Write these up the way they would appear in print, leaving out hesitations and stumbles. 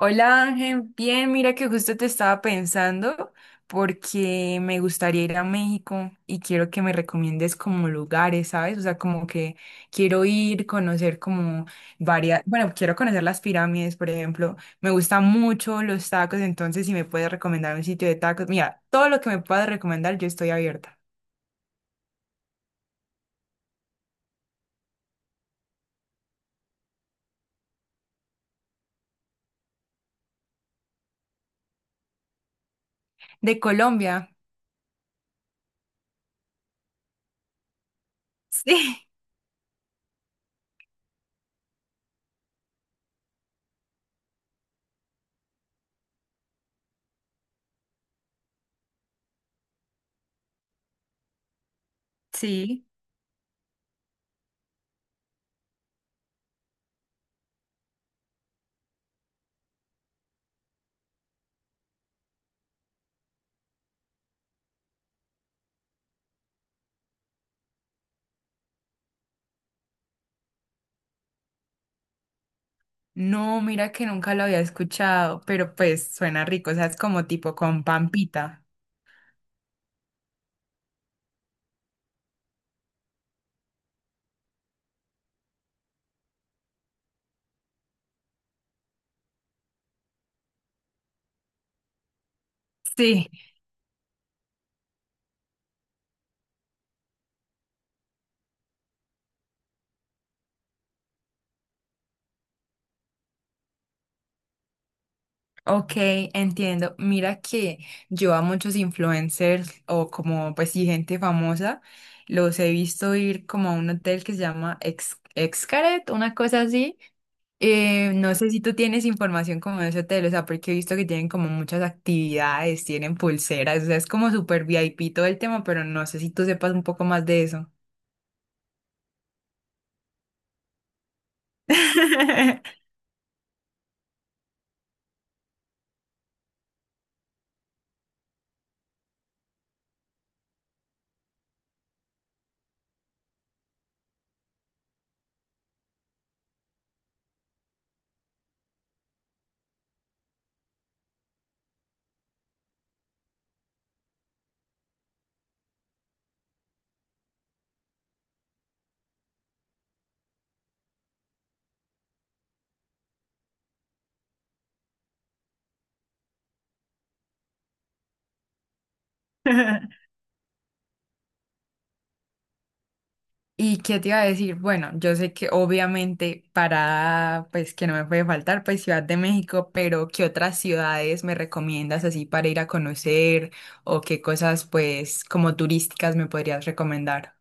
Hola Ángel, bien, mira que justo te estaba pensando porque me gustaría ir a México y quiero que me recomiendes como lugares, ¿sabes? O sea, como que quiero ir, conocer como varias, bueno, quiero conocer las pirámides, por ejemplo. Me gustan mucho los tacos, entonces si me puedes recomendar un sitio de tacos, mira, todo lo que me puedas recomendar, yo estoy abierta. De Colombia. Sí. Sí, no, mira que nunca lo había escuchado, pero pues suena rico, o sea, es como tipo con pampita. Sí, ok, entiendo. Mira que yo a muchos influencers o como pues sí gente famosa los he visto ir como a un hotel que se llama Ex Xcaret, una cosa así. No sé si tú tienes información como de ese hotel, o sea, porque he visto que tienen como muchas actividades, tienen pulseras, o sea, es como súper VIP todo el tema, pero no sé si tú sepas un poco más de eso. ¿Y qué te iba a decir? Bueno, yo sé que obviamente para, pues que no me puede faltar, pues Ciudad de México, pero ¿qué otras ciudades me recomiendas así para ir a conocer o qué cosas pues como turísticas me podrías recomendar?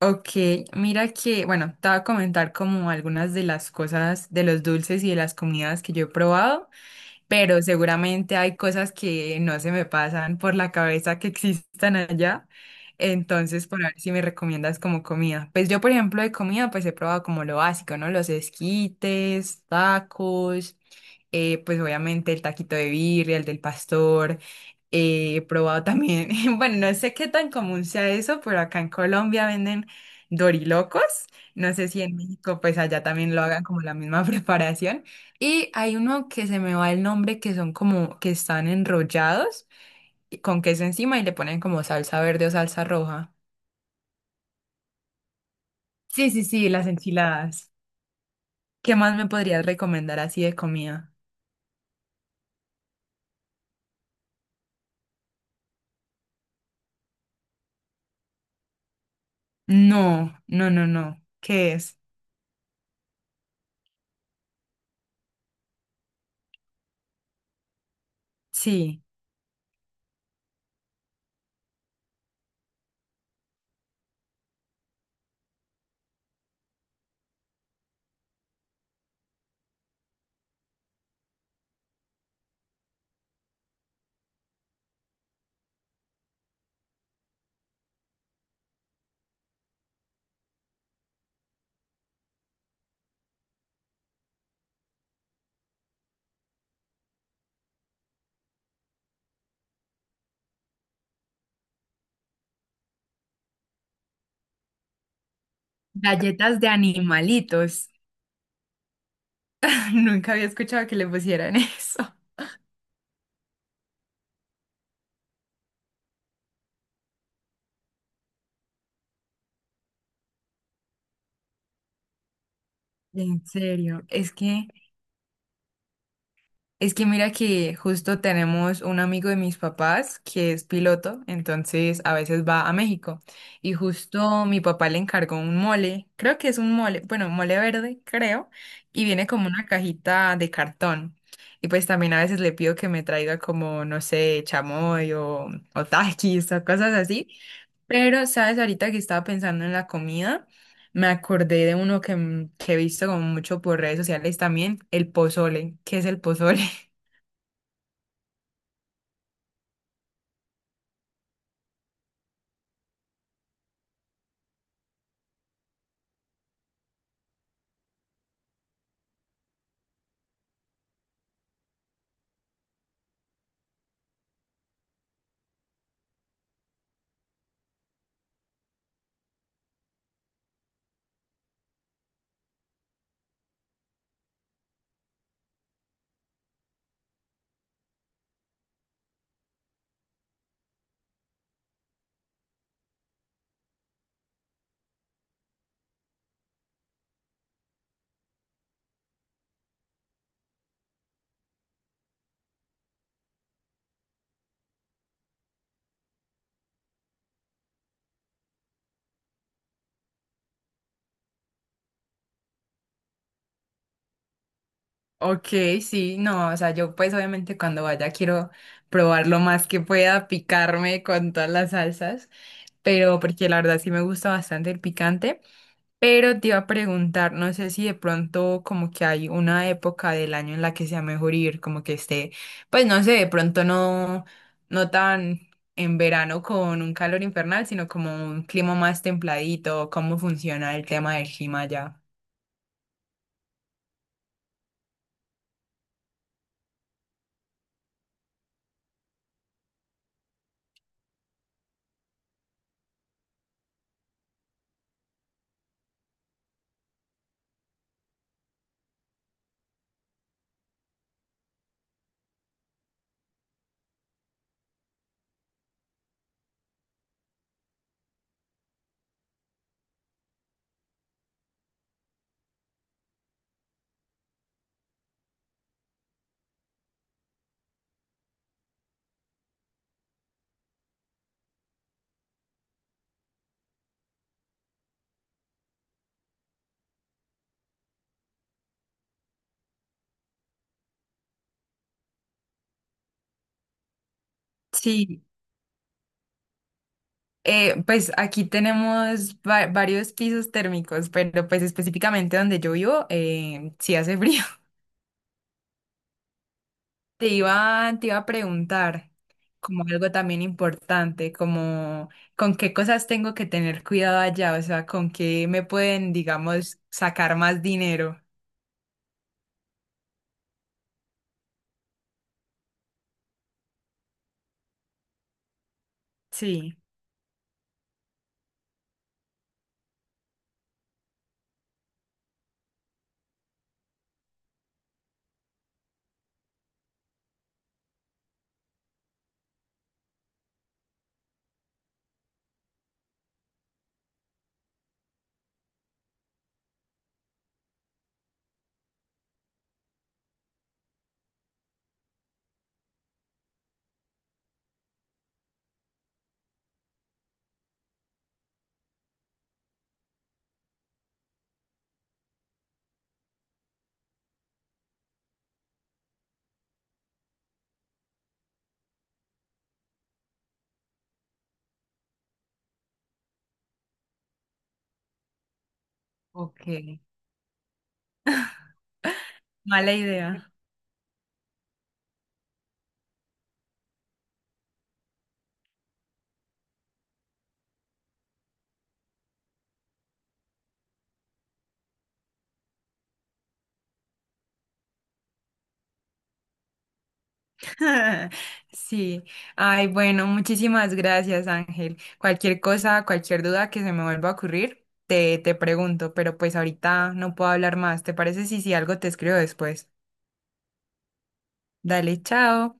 Ok, mira que, bueno, te voy a comentar como algunas de las cosas, de los dulces y de las comidas que yo he probado, pero seguramente hay cosas que no se me pasan por la cabeza que existan allá. Entonces, por ver si me recomiendas como comida. Pues yo, por ejemplo, de comida, pues he probado como lo básico, ¿no? Los esquites, tacos, pues obviamente el taquito de birria, el del pastor. Eh, he probado también, bueno, no sé qué tan común sea eso, pero acá en Colombia venden dorilocos. No sé si en México, pues allá también lo hagan como la misma preparación. Y hay uno que se me va el nombre, que son como que están enrollados con queso encima y le ponen como salsa verde o salsa roja. Sí, sí, sí, las enchiladas. ¿Qué más me podrías recomendar así de comida? No, no, no, no. ¿Qué es? Sí. Galletas de animalitos. Nunca había escuchado que le pusieran eso. En serio, es que es que mira que justo tenemos un amigo de mis papás que es piloto, entonces a veces va a México y justo mi papá le encargó un mole, creo que es un mole, bueno, mole verde, creo, y viene como una cajita de cartón. Y pues también a veces le pido que me traiga como, no sé, chamoy o taquis o cosas así. Pero, ¿sabes? Ahorita que estaba pensando en la comida, me acordé de uno que, que he visto como mucho por redes sociales también, el pozole. ¿Qué es el pozole? Ok, sí, no, o sea, yo pues obviamente cuando vaya quiero probar lo más que pueda, picarme con todas las salsas, pero porque la verdad sí me gusta bastante el picante, pero te iba a preguntar, no sé si de pronto como que hay una época del año en la que sea mejor ir, como que esté, pues no sé, de pronto no, no tan en verano con un calor infernal, sino como un clima más templadito, cómo funciona el tema del clima allá. Sí, pues aquí tenemos varios pisos térmicos, pero pues específicamente donde yo vivo, sí hace frío. Te iba a preguntar como algo también importante, como con qué cosas tengo que tener cuidado allá, o sea, con qué me pueden, digamos, sacar más dinero. Sí, ok. Mala idea. Sí. Ay, bueno, muchísimas gracias, Ángel. Cualquier cosa, cualquier duda que se me vuelva a ocurrir, te pregunto, pero pues ahorita no puedo hablar más. ¿Te parece si, si algo te escribo después? Dale, chao.